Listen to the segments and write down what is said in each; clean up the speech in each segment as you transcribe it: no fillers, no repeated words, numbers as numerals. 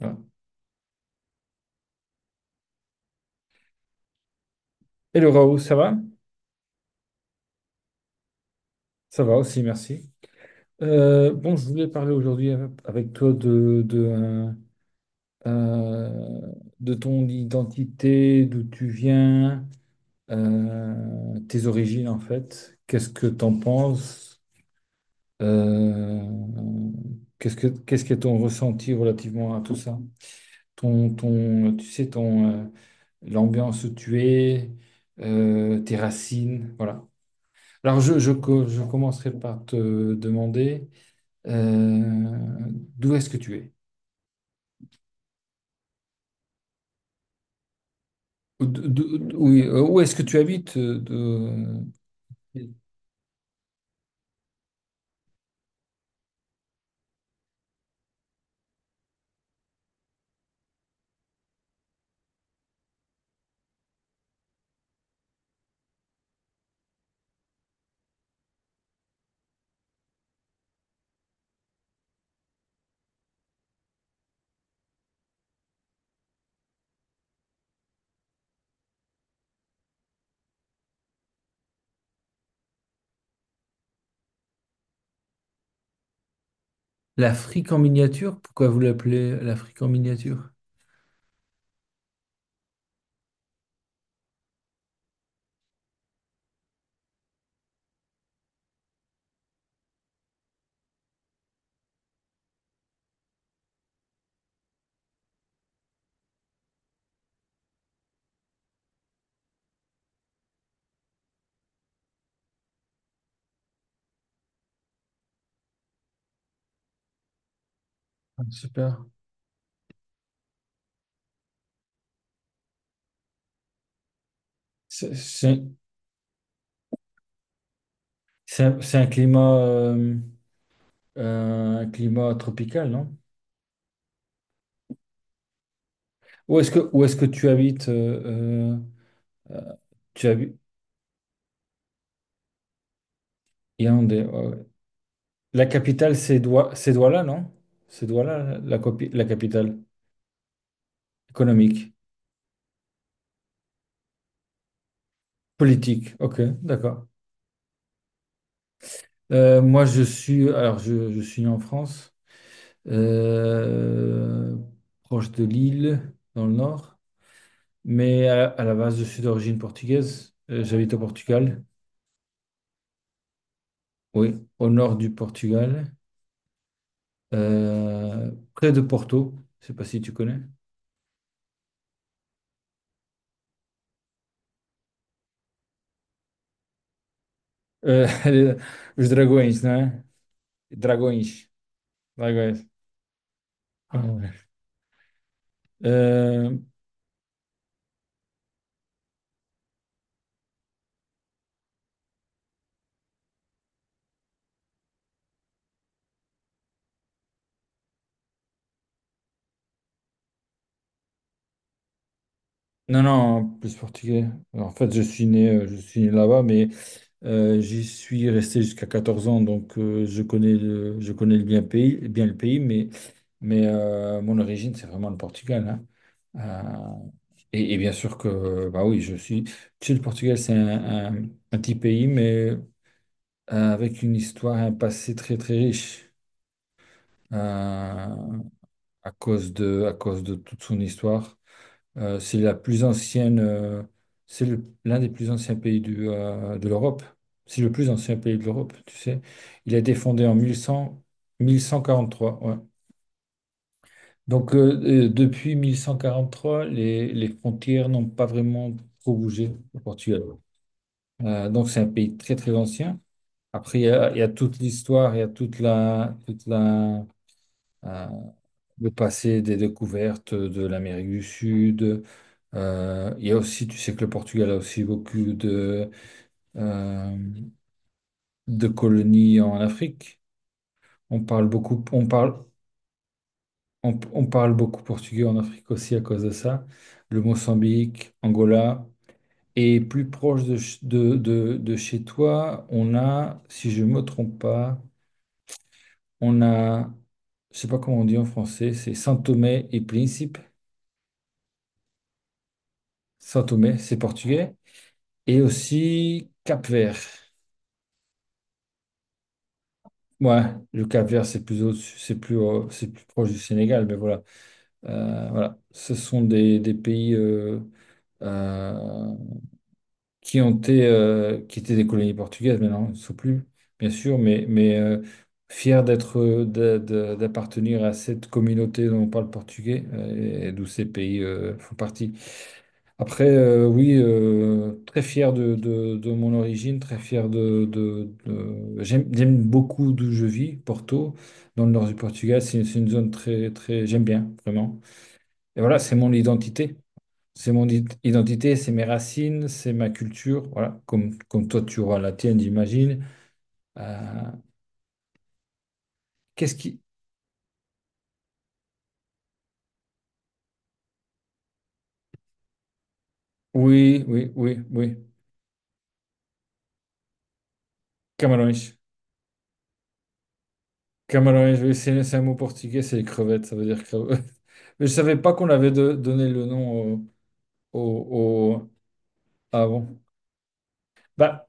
Voilà. Hello Raoult, ça va? Ça va aussi, merci. Bon, je voulais parler aujourd'hui avec toi de, euh, de ton identité, d'où tu viens, tes origines en fait. Qu'est-ce que t'en penses? Euh, qu'est-ce que ton ressenti relativement à tout ça? Tu sais, l'ambiance où tu es, tes racines, voilà. Alors, je commencerai par te demander euh, d'où est-ce que tu es? Ou d- d'où- d'où- Oui, où est-ce que tu habites? L'Afrique en miniature? Pourquoi vous l'appelez l'Afrique en miniature? Ah, super. C'est c'est- c'est un climat tropical, non? Où est-ce que tu habites? Euh, euh, Tu habites Yaoundé, ouais, ouais. La capitale, c'est Douala, non? C'est Douala, la capitale. Économique, politique, ok, d'accord. Moi, je suis né en France, euh, proche de Lille, dans le nord, mais à la base, je suis d'origine portugaise. J'habite au Portugal, oui, au nord du Portugal, près de Porto. Je sais pas si tu connais. Euh, os Dragões, non? Dragões, Dragões. Ah ouais. Euh, non, non, plus portugais. En fait, je suis né là-bas, mais j'y suis resté jusqu'à 14 ans, donc je connais le bien pays, bien le pays, mais mon origine, c'est vraiment le Portugal, hein. Euh, et bien sûr que, bah oui, je suis. Tu sais, le Portugal, un petit pays, mais avec une histoire, un passé très très riche, euh, à cause de toute son histoire. Euh, c'est la plus ancienne, euh, c'est l'un des plus anciens pays de l'Europe. C'est le plus ancien pays de l'Europe, tu sais. Il a été fondé en 1100, 1143, ouais. Donc, depuis 1143, les frontières n'ont pas vraiment trop bougé au Portugal. Donc, c'est un pays très, très ancien. Après, il y a toute l'histoire, il y a euh, de passer des découvertes de l'Amérique du Sud. Il y a aussi, tu sais que le Portugal a aussi beaucoup euh, de colonies en Afrique. On parle beaucoup, on parle, on parle beaucoup portugais en Afrique aussi à cause de ça. Le Mozambique, Angola. Et plus proche de, ch- de chez toi, on a, si je ne me trompe pas, on a, je sais pas comment on dit en français, c'est Saint-Thomé et Principe. Saint-Thomé, c'est portugais. Et aussi Cap-Vert. Ouais, le Cap-Vert, c'est plus proche du Sénégal, mais voilà. Voilà. Ce sont des pays euh, qui ont été, qui étaient des colonies portugaises, mais non, ils ne sont plus, bien sûr, mais fiers d'être, d'appartenir à cette communauté dont on parle portugais, et d'où ces pays font partie. Après, oui, très fier de mon origine, très fier J'aime, j'aime beaucoup d'où je vis, Porto, dans le nord du Portugal. C'est une zone très, très... J'aime bien, vraiment. Et voilà, c'est mon identité. Identité, c'est mes racines, c'est ma culture. Voilà, comme toi, tu auras la tienne, j'imagine. Euh, Qu'est-ce qui... Oui, oui, oui, oui. Camarões. Camarões, oui, c'est un mot portugais, c'est les crevettes, ça veut dire crevettes. Mais je savais pas qu'on avait donné le nom, au, au- ah bon. Bah,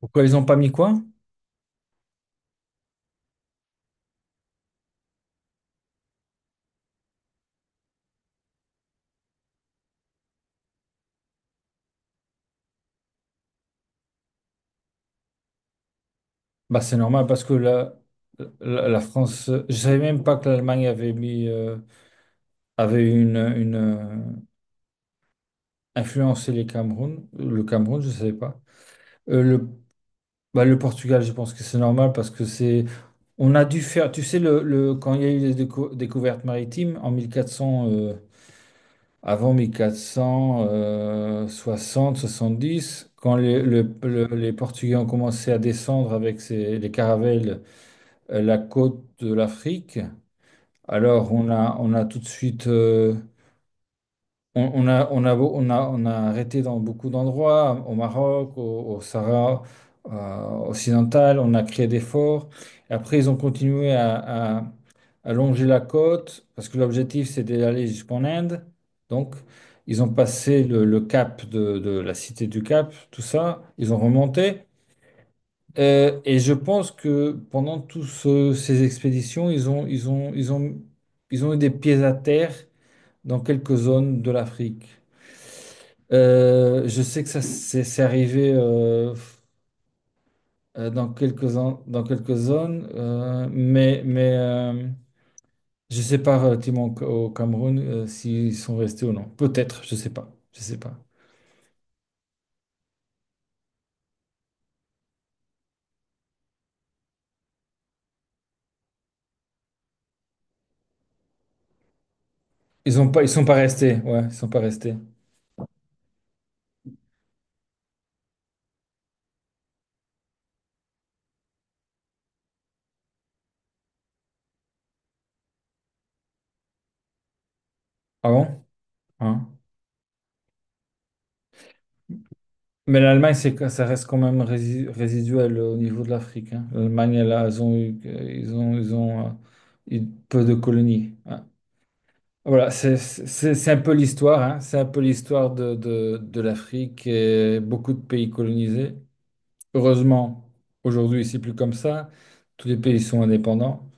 pourquoi ils n'ont pas mis quoi? Bah, c'est normal parce que la France. Je savais même pas que l'Allemagne avait mis avait une influencé les Cameroun. Le Cameroun, je savais pas. Euh, le, Bah, le Portugal, je pense que c'est normal parce que c'est. On a dû faire. Tu sais, quand il y a eu les découvertes maritimes en 1400. Avant 1460, 70, quand les Portugais ont commencé à descendre avec les caravelles la côte de l'Afrique, alors on a tout de suite, on a, on a arrêté dans beaucoup d'endroits, au Maroc, au Sahara occidental, on a créé des forts. Après, ils ont continué à allonger la côte, parce que l'objectif, c'est d'aller jusqu'en Inde. Donc, ils ont passé le cap de la cité du Cap, tout ça, ils ont remonté. Et je pense que pendant toutes ces expéditions, ils ont eu des pieds à terre dans quelques zones de l'Afrique. Je sais que ça c'est arrivé dans quelques, dans quelques zones, mais je sais pas relativement au au Cameroun s'ils sont restés ou non. Peut-être, je sais pas. Je sais pas. Ils ont pas, ils sont pas restés. Ouais, ils sont pas restés. Ah bon? Hein? Mais l'Allemagne, ça reste quand même résiduel au niveau de l'Afrique, hein. L'Allemagne, là, ils ont eu peu de colonies, hein. Voilà, c'est un peu l'histoire, hein. C'est un peu l'histoire de l'Afrique et beaucoup de pays colonisés. Heureusement, aujourd'hui, c'est plus comme ça. Tous les pays sont indépendants.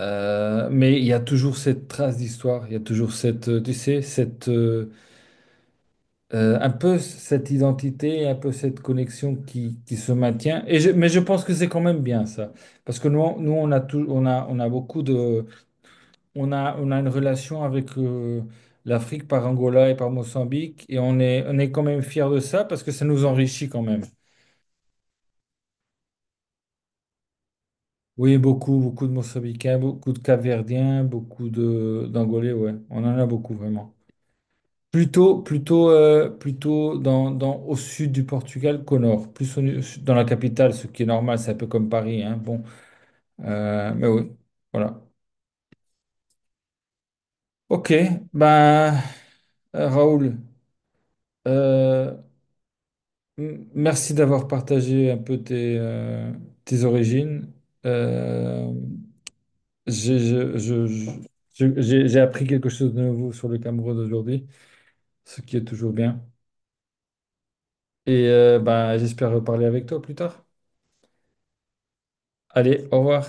Mais il y a toujours cette trace d'histoire, il y a toujours tu sais, un peu cette identité, un peu cette connexion qui se maintient. Et mais je pense que c'est quand même bien ça, parce que nous on a tout, on a beaucoup on a une relation avec l'Afrique par Angola et par Mozambique, et on est quand même fiers de ça parce que ça nous enrichit quand même. Oui, beaucoup, beaucoup de Mozambicains, beaucoup de Capverdiens, beaucoup de d'Angolais, ouais, on en a beaucoup vraiment. Plutôt dans au sud du Portugal qu'au nord. Dans la capitale, ce qui est normal, c'est un peu comme Paris, hein. Bon, mais oui, voilà. Ok, ben, Raoul, euh, merci d'avoir partagé un peu tes, tes origines. Euh, j'ai je- j'ai- J'ai appris quelque chose de nouveau sur le Cameroun aujourd'hui, ce qui est toujours bien. Et ben, j'espère reparler avec toi plus tard. Allez, au revoir.